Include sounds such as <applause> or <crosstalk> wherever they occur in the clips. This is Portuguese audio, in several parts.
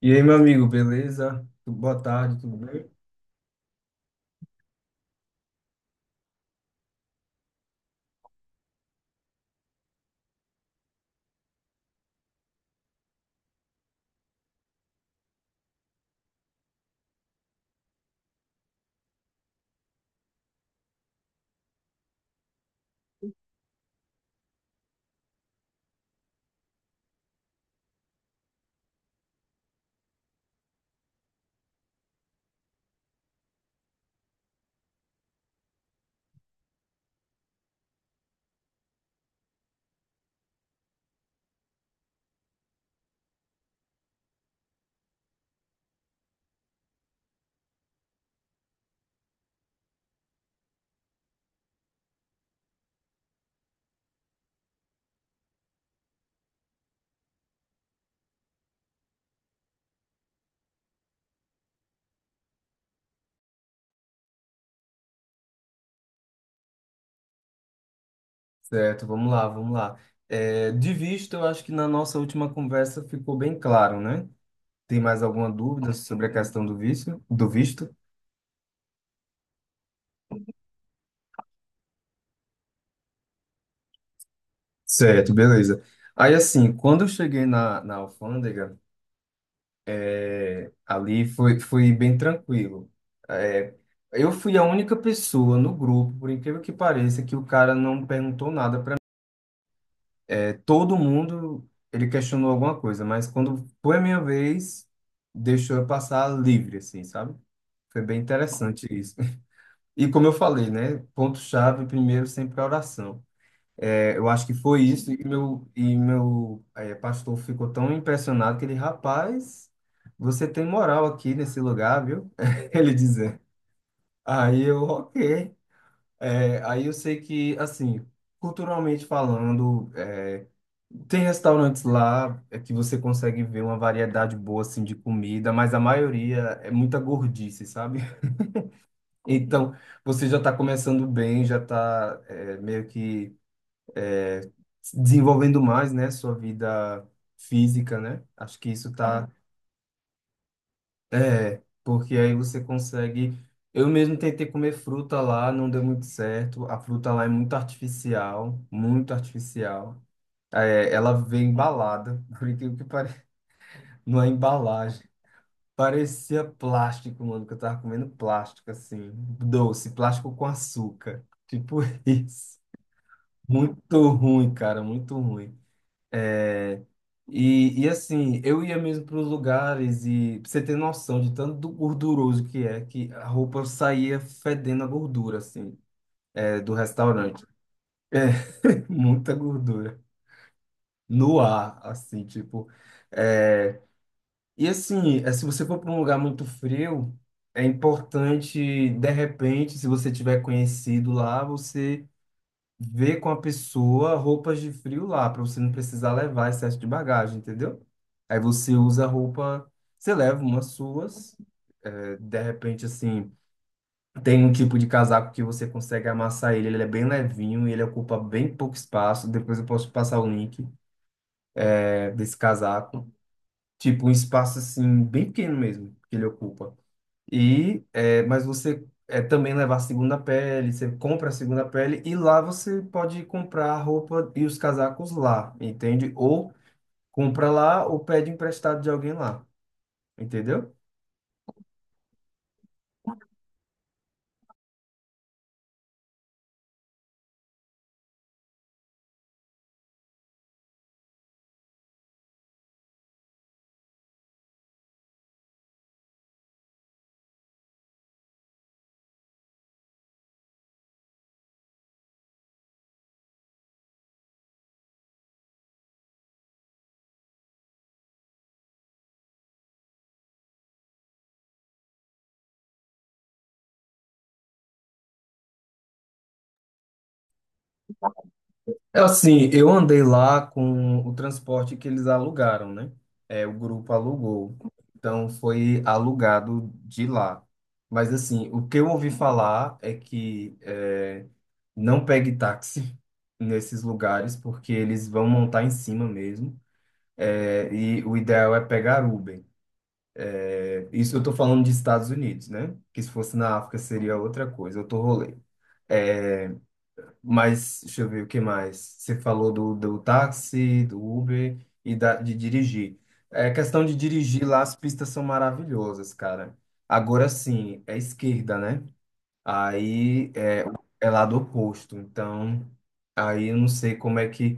E aí, meu amigo, beleza? Boa tarde, tudo bem? Certo, vamos lá, vamos lá. É, de vista, eu acho que na nossa última conversa ficou bem claro, né? Tem mais alguma dúvida sobre a questão do vício do visto? Certo, beleza. Aí, assim, quando eu cheguei na alfândega, ali foi bem tranquilo. É, eu fui a única pessoa no grupo, por incrível que pareça, que o cara não perguntou nada para Todo mundo, ele questionou alguma coisa, mas quando foi a minha vez, deixou eu passar livre, assim, sabe? Foi bem interessante isso. <laughs> E como eu falei, né? Ponto-chave, primeiro sempre a oração. Eu acho que foi isso, e meu pastor ficou tão impressionado que ele, rapaz, você tem moral aqui nesse lugar, viu? <laughs> Ele dizendo. Aí eu, ok. É, aí eu sei que, assim, culturalmente falando, tem restaurantes lá que você consegue ver uma variedade boa, assim, de comida, mas a maioria é muita gordice, sabe? <laughs> Então, você já está começando bem, já está meio que desenvolvendo mais, né, sua vida física, né? Acho que isso está... É, porque aí você consegue. Eu mesmo tentei comer fruta lá, não deu muito certo. A fruta lá é muito artificial, muito artificial. É, ela vem embalada, <laughs> por incrível que pareça, numa embalagem. Parecia plástico, mano, que eu tava comendo plástico, assim, doce, plástico com açúcar. Tipo <laughs> isso. Muito ruim, cara, muito ruim. É, e assim, eu ia mesmo para os lugares e pra você ter noção de tanto do gorduroso que é, que a roupa saía fedendo a gordura, assim, do restaurante. É, <laughs> muita gordura. No ar, assim, tipo. É... E assim, é, se você for para um lugar muito frio, é importante, de repente, se você tiver conhecido lá, você ver com a pessoa roupas de frio lá, para você não precisar levar excesso de bagagem, entendeu? Aí você usa roupa, você leva umas suas, de repente, assim, tem um tipo de casaco que você consegue amassar ele, ele é bem levinho e ele ocupa bem pouco espaço. Depois eu posso te passar o link, desse casaco. Tipo, um espaço, assim, bem pequeno mesmo, que ele ocupa. Mas você também levar a segunda pele, você compra a segunda pele e lá você pode comprar a roupa e os casacos lá, entende? Ou compra lá ou pede emprestado de alguém lá, entendeu? Assim, eu andei lá com o transporte que eles alugaram, né? É, o grupo alugou. Então, foi alugado de lá. Mas, assim, o que eu ouvi falar é que não pegue táxi <laughs> nesses lugares, porque eles vão montar em cima mesmo. É, e o ideal é pegar Uber. É, isso eu tô falando de Estados Unidos, né? Que se fosse na África seria outra coisa, outro rolê. Mas, deixa eu ver o que mais. Você falou do táxi, do Uber e de dirigir. É questão de dirigir lá, as pistas são maravilhosas, cara. Agora sim, é esquerda, né? Aí é, é lado oposto. Então, aí eu não sei como é que.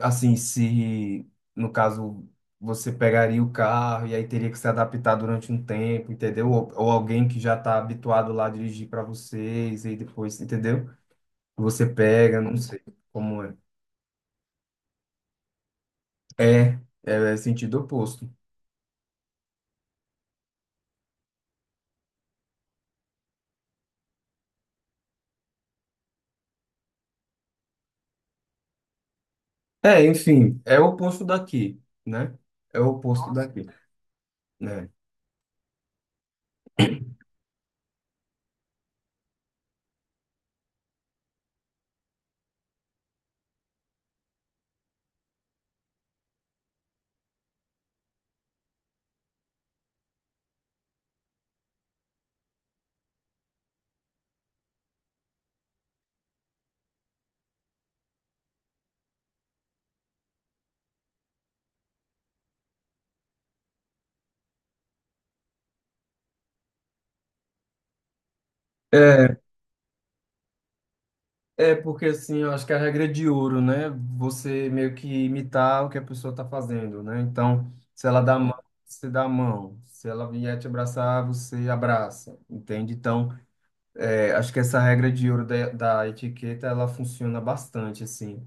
Assim, se no caso você pegaria o carro e aí teria que se adaptar durante um tempo, entendeu? Ou alguém que já está habituado lá a dirigir para vocês e depois, entendeu? Você pega, não sei como é. É, é sentido oposto. É, enfim, é o oposto daqui, né? É o oposto Nossa. Daqui, né? É, é porque assim, eu acho que a regra é de ouro, né? Você meio que imitar o que a pessoa tá fazendo, né? Então, se ela dá a mão, você dá a mão. Se ela vier te abraçar, você abraça, entende? Então, é, acho que essa regra de ouro da etiqueta, ela funciona bastante, assim,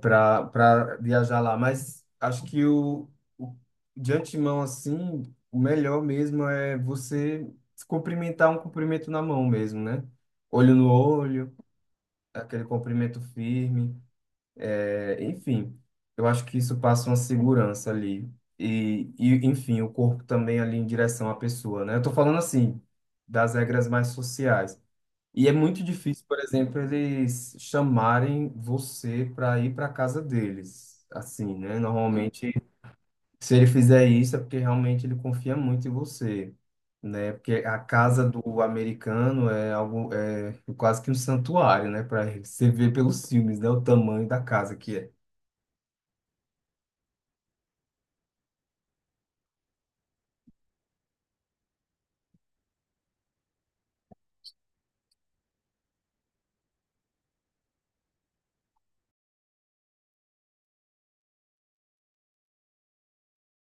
para viajar lá, mas acho que o de antemão assim, o melhor mesmo é você se cumprimentar, um cumprimento na mão mesmo, né? Olho no olho, aquele cumprimento firme, é, enfim. Eu acho que isso passa uma segurança ali. Enfim, o corpo também ali em direção à pessoa, né? Eu tô falando assim, das regras mais sociais. E é muito difícil, por exemplo, eles chamarem você para ir para casa deles. Assim, né? Normalmente, se ele fizer isso, é porque realmente ele confia muito em você, né? Porque a casa do americano é algo, é quase que um santuário, né? Para você ver pelos filmes, né? O tamanho da casa que é.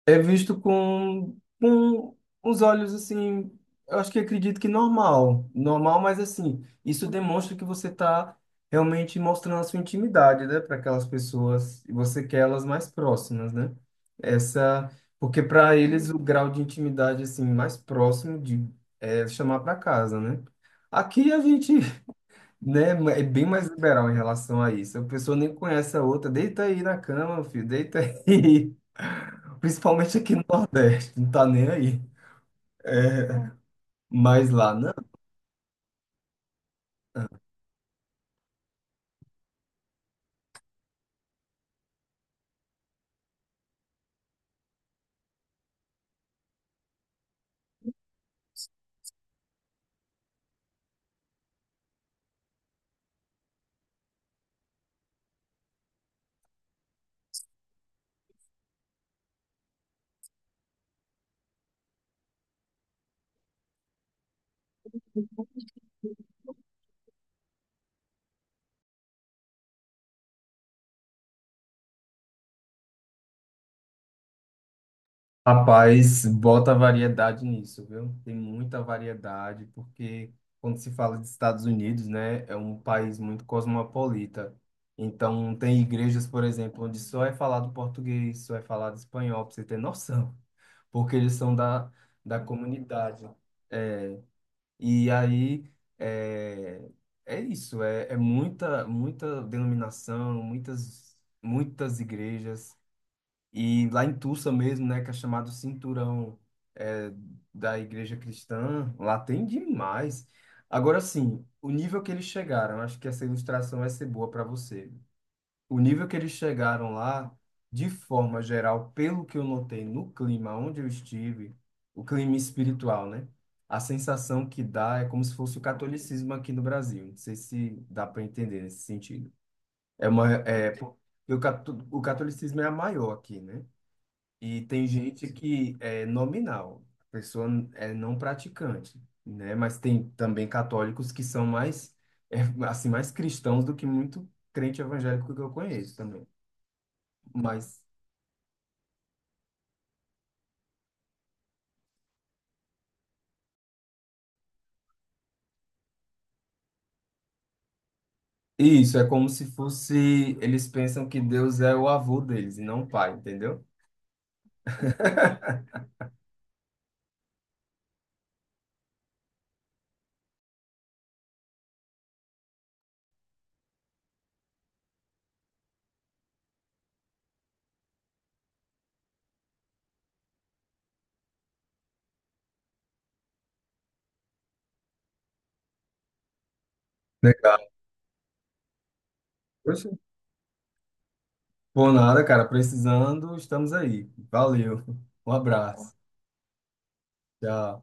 É visto com uns olhos assim, eu acho que, acredito que normal, normal, mas assim, isso demonstra que você está realmente mostrando a sua intimidade, né, para aquelas pessoas e você quer elas mais próximas, né? Essa, porque para eles o grau de intimidade assim mais próximo de é chamar para casa, né? Aqui a gente, né? É bem mais liberal em relação a isso. A pessoa nem conhece a outra. Deita aí na cama, filho, deita aí. <laughs> Principalmente aqui no Nordeste, não tá nem aí. É, mas lá, não. Rapaz, bota variedade nisso, viu? Tem muita variedade, porque quando se fala de Estados Unidos, né, é um país muito cosmopolita. Então, tem igrejas, por exemplo, onde só é falado português, só é falado espanhol, pra você ter noção, porque eles são da comunidade. E aí é, é isso, é muita, muita denominação, muitas igrejas. E lá em Tulsa mesmo, né, que é chamado Cinturão é, da Igreja Cristã, lá tem demais. Agora sim, o nível que eles chegaram, acho que essa ilustração vai ser boa para você, o nível que eles chegaram lá, de forma geral, pelo que eu notei no clima onde eu estive, o clima espiritual, né? A sensação que dá é como se fosse o catolicismo aqui no Brasil. Não sei se dá para entender nesse sentido. É uma, é, o catolicismo é a maior aqui, né? E tem gente que é nominal, a pessoa é não praticante, né? Mas tem também católicos que são mais, é, assim, mais cristãos do que muito crente evangélico que eu conheço também. Mas isso é como se fosse, eles pensam que Deus é o avô deles e não o pai, entendeu? Legal. Poxa. Por nada, cara, precisando, estamos aí. Valeu. Um abraço. Tchau.